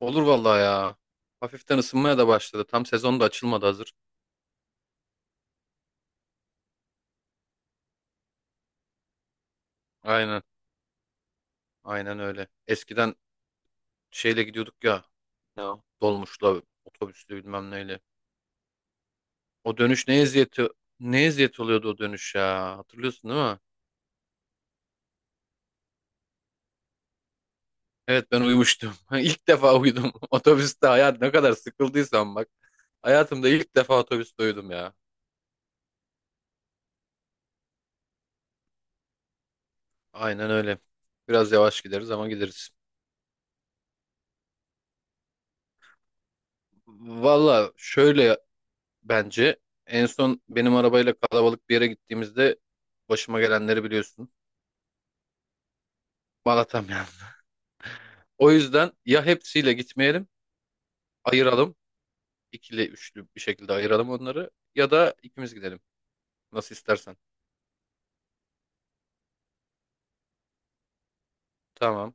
Olur vallahi ya. Hafiften ısınmaya da başladı. Tam sezon da açılmadı hazır. Aynen. Aynen öyle. Eskiden şeyle gidiyorduk ya. Ne o? Dolmuşla, otobüsle bilmem neyle. O dönüş ne eziyet oluyordu o dönüş ya. Hatırlıyorsun değil mi? Evet ben uyumuştum. İlk defa uyudum. Otobüste hayat ne kadar sıkıldıysam bak. Hayatımda ilk defa otobüste uyudum ya. Aynen öyle. Biraz yavaş gideriz ama gideriz. Valla şöyle bence. En son benim arabayla kalabalık bir yere gittiğimizde başıma gelenleri biliyorsun. Malatam yani. O yüzden ya hepsiyle gitmeyelim, ayıralım. İkili, üçlü bir şekilde ayıralım onları. Ya da ikimiz gidelim. Nasıl istersen. Tamam.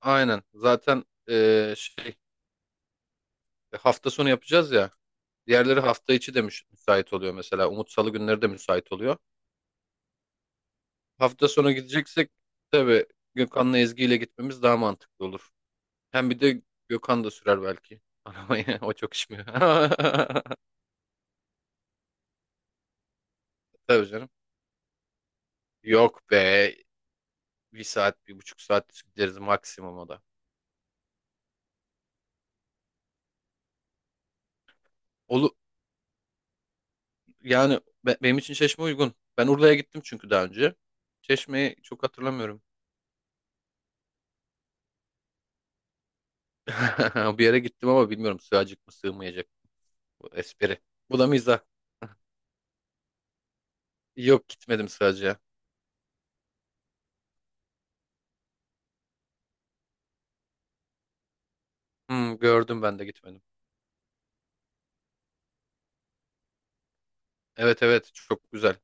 Aynen. Zaten şey hafta sonu yapacağız ya. Diğerleri hafta içi de müsait oluyor mesela. Umut Salı günleri de müsait oluyor. Hafta sonu gideceksek tabii Gökhan'la Ezgi ile gitmemiz daha mantıklı olur. Hem bir de Gökhan da sürer belki. Arabayı o çok içmiyor. Tabii canım. Yok be. Bir saat, 1,5 saat gideriz maksimum o da. Olu Yani benim için Çeşme uygun. Ben Urla'ya gittim çünkü daha önce. Çeşme'yi çok hatırlamıyorum. Bir yere gittim ama bilmiyorum sığacak mı sığmayacak bu espri. Bu da mizah. Yok gitmedim sadece. Hmm, gördüm ben de gitmedim. Evet, evet, çok güzel.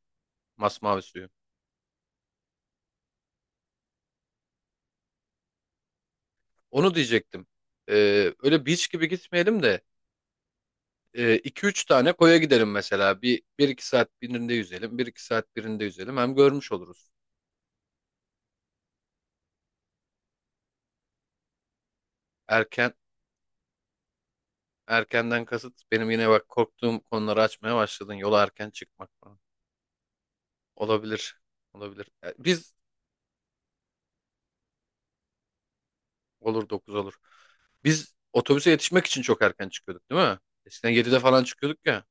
Masmavi suyu. Onu diyecektim. Öyle beach gibi gitmeyelim de 2 üç tane koya gidelim mesela. Bir iki saat birinde yüzelim. Bir iki saat birinde yüzelim. Hem görmüş oluruz. Erken Erkenden kasıt benim, yine bak korktuğum konuları açmaya başladın. Yola erken çıkmak falan. Olabilir. Olabilir. E, Biz Olur, 9 olur. Biz otobüse yetişmek için çok erken çıkıyorduk değil mi? Eskiden 7'de falan çıkıyorduk ya.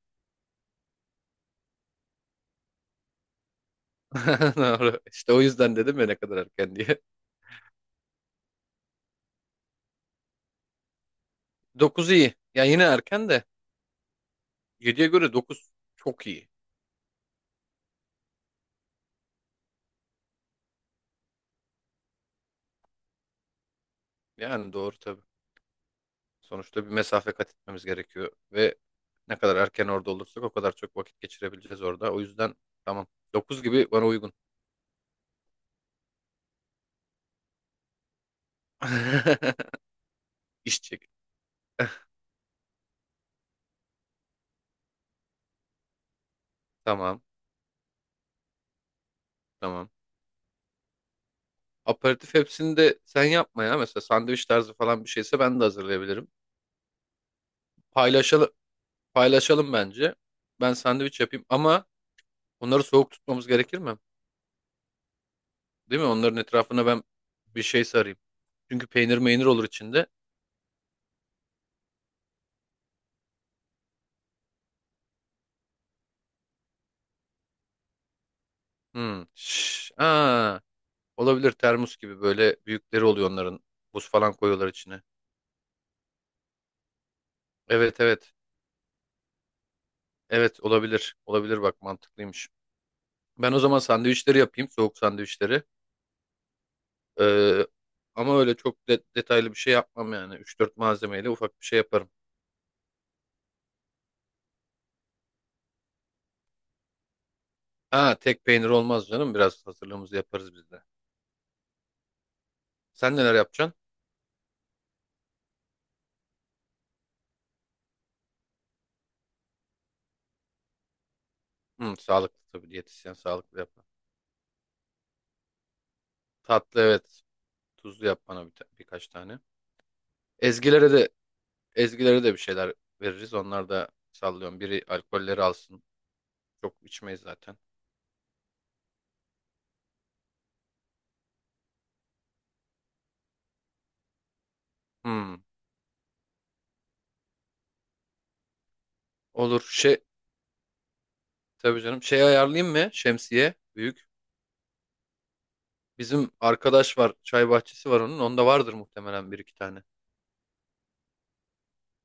Doğru. İşte o yüzden dedim ya ne kadar erken diye. Dokuz iyi. Yani yine erken de, 7'ye göre 9 çok iyi. Yani doğru. Sonuçta bir mesafe kat etmemiz gerekiyor ve ne kadar erken orada olursak o kadar çok vakit geçirebileceğiz orada. O yüzden tamam. Dokuz gibi bana uygun. İş çek. Tamam, tamam. Aperatif hepsini de sen yapma ya. Mesela sandviç tarzı falan bir şeyse ben de hazırlayabilirim. Paylaşalım, paylaşalım bence. Ben sandviç yapayım, ama onları soğuk tutmamız gerekir mi? Değil mi? Onların etrafına ben bir şey sarayım. Çünkü peynir meynir olur içinde. Hmm. Olabilir, termos gibi böyle büyükleri oluyor onların. Buz falan koyuyorlar içine. Evet, evet. Evet, olabilir. Olabilir, bak mantıklıymış. Ben o zaman sandviçleri yapayım. Soğuk sandviçleri. Ee, Ama öyle çok detaylı bir şey yapmam yani. Üç dört malzemeyle ufak bir şey yaparım. Ha, tek peynir olmaz canım. Biraz hazırlığımızı yaparız biz de. Sen neler yapacaksın? Hı, sağlıklı tabii. Diyetisyen sağlıklı yapar. Tatlı, evet. Tuzlu yap bana birkaç tane. Ezgilere de Ezgilere de bir şeyler veririz. Onlar da, sallıyorum. Biri alkolleri alsın. Çok içmeyiz zaten. Hmm, olur. Şey, tabii canım. Şey ayarlayayım mı? Şemsiye. Büyük. Bizim arkadaş var. Çay bahçesi var onun. Onda vardır muhtemelen bir iki tane.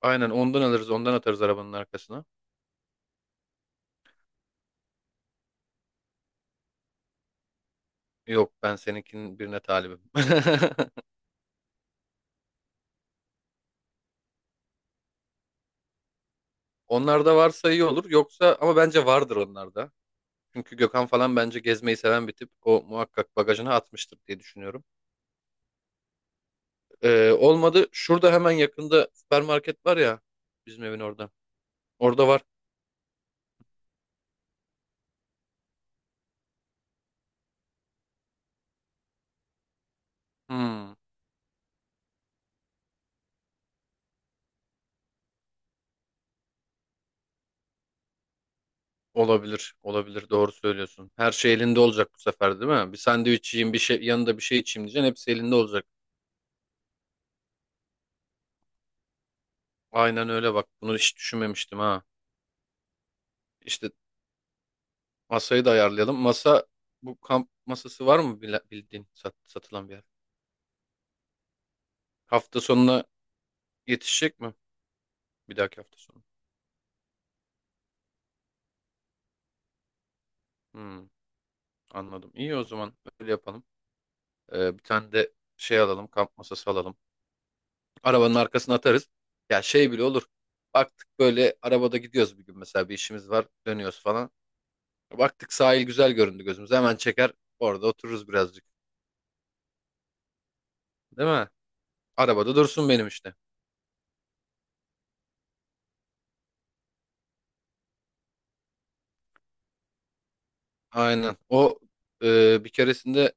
Aynen ondan alırız. Ondan atarız arabanın arkasına. Yok, ben seninkinin birine talibim. Onlarda varsa iyi olur. Yoksa, ama bence vardır onlarda. Çünkü Gökhan falan bence gezmeyi seven bir tip. O muhakkak bagajına atmıştır diye düşünüyorum. Olmadı. Şurada hemen yakında süpermarket var ya. Bizim evin orada. Orada var. Hmm. Olabilir, olabilir. Doğru söylüyorsun. Her şey elinde olacak bu sefer, değil mi? Bir sandviç yiyeyim, bir şey yanında, bir şey içeyim diyeceksin. Hepsi elinde olacak. Aynen öyle, bak. Bunu hiç düşünmemiştim ha. İşte masayı da ayarlayalım. Bu kamp masası var mı bildiğin satılan bir yer? Hafta sonuna yetişecek mi? Bir dahaki hafta sonu. Hmm, anladım. İyi, o zaman öyle yapalım. Bir tane de şey alalım, kamp masası alalım. Arabanın arkasına atarız. Ya şey bile olur. Baktık böyle arabada gidiyoruz, bir gün mesela bir işimiz var, dönüyoruz falan. Baktık sahil güzel göründü gözümüze. Hemen çeker orada otururuz birazcık. Değil mi? Arabada dursun benim, işte. Aynen. Bir keresinde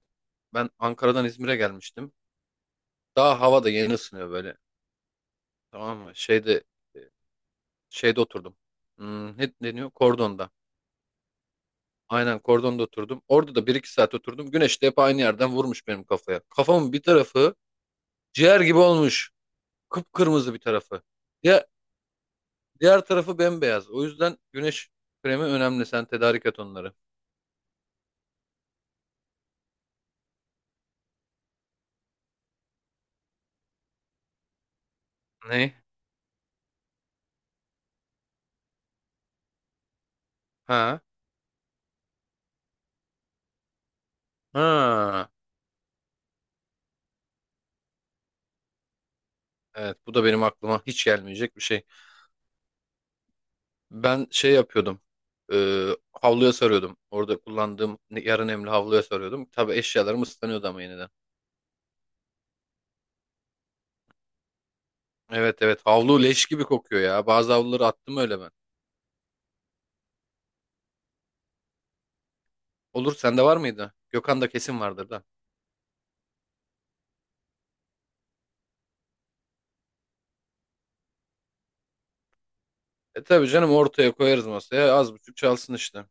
ben Ankara'dan İzmir'e gelmiştim. Daha hava da yeni ısınıyor böyle. Tamam mı? E, şeyde oturdum. Hmm, ne deniyor? Kordonda. Aynen, kordonda oturdum. Orada da bir iki saat oturdum. Güneş de hep aynı yerden vurmuş benim kafaya. Kafamın bir tarafı ciğer gibi olmuş. Kıpkırmızı bir tarafı. Diğer, diğer tarafı bembeyaz. O yüzden güneş kremi önemli. Sen tedarik et onları. Ne? Ha? Ha. Evet, bu da benim aklıma hiç gelmeyecek bir şey. Ben şey yapıyordum. e, Havluya sarıyordum. Orada kullandığım yarı nemli havluya sarıyordum. Tabii eşyalarım ıslanıyordu ama, yeniden. Evet, evet, havlu leş gibi kokuyor ya. Bazı havluları attım öyle ben. Olur, sende var mıydı? Gökhan'da kesin vardır da. E tabii canım, ortaya koyarız masaya az buçuk çalsın işte.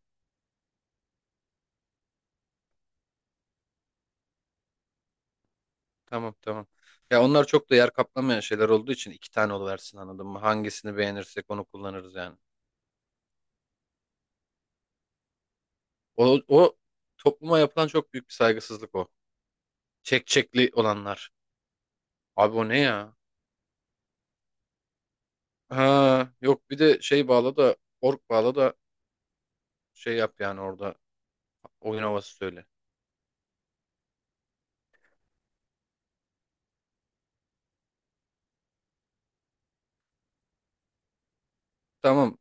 Tamam, tamam. Ya onlar çok da yer kaplamayan şeyler olduğu için iki tane oluversin, anladın mı? Hangisini beğenirsek onu kullanırız yani. O topluma yapılan çok büyük bir saygısızlık o. Çek çekli olanlar. Abi o ne ya? Ha, yok bir de şey bağla da ork bağla da şey yap yani, orada oyun havası söyle. Tamam,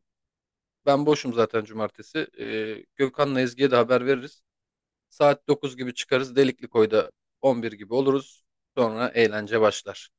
ben boşum zaten cumartesi. Gökhan'la Ezgi'ye de haber veririz. Saat 9 gibi çıkarız, Delikli Koy'da 11 gibi oluruz. Sonra eğlence başlar.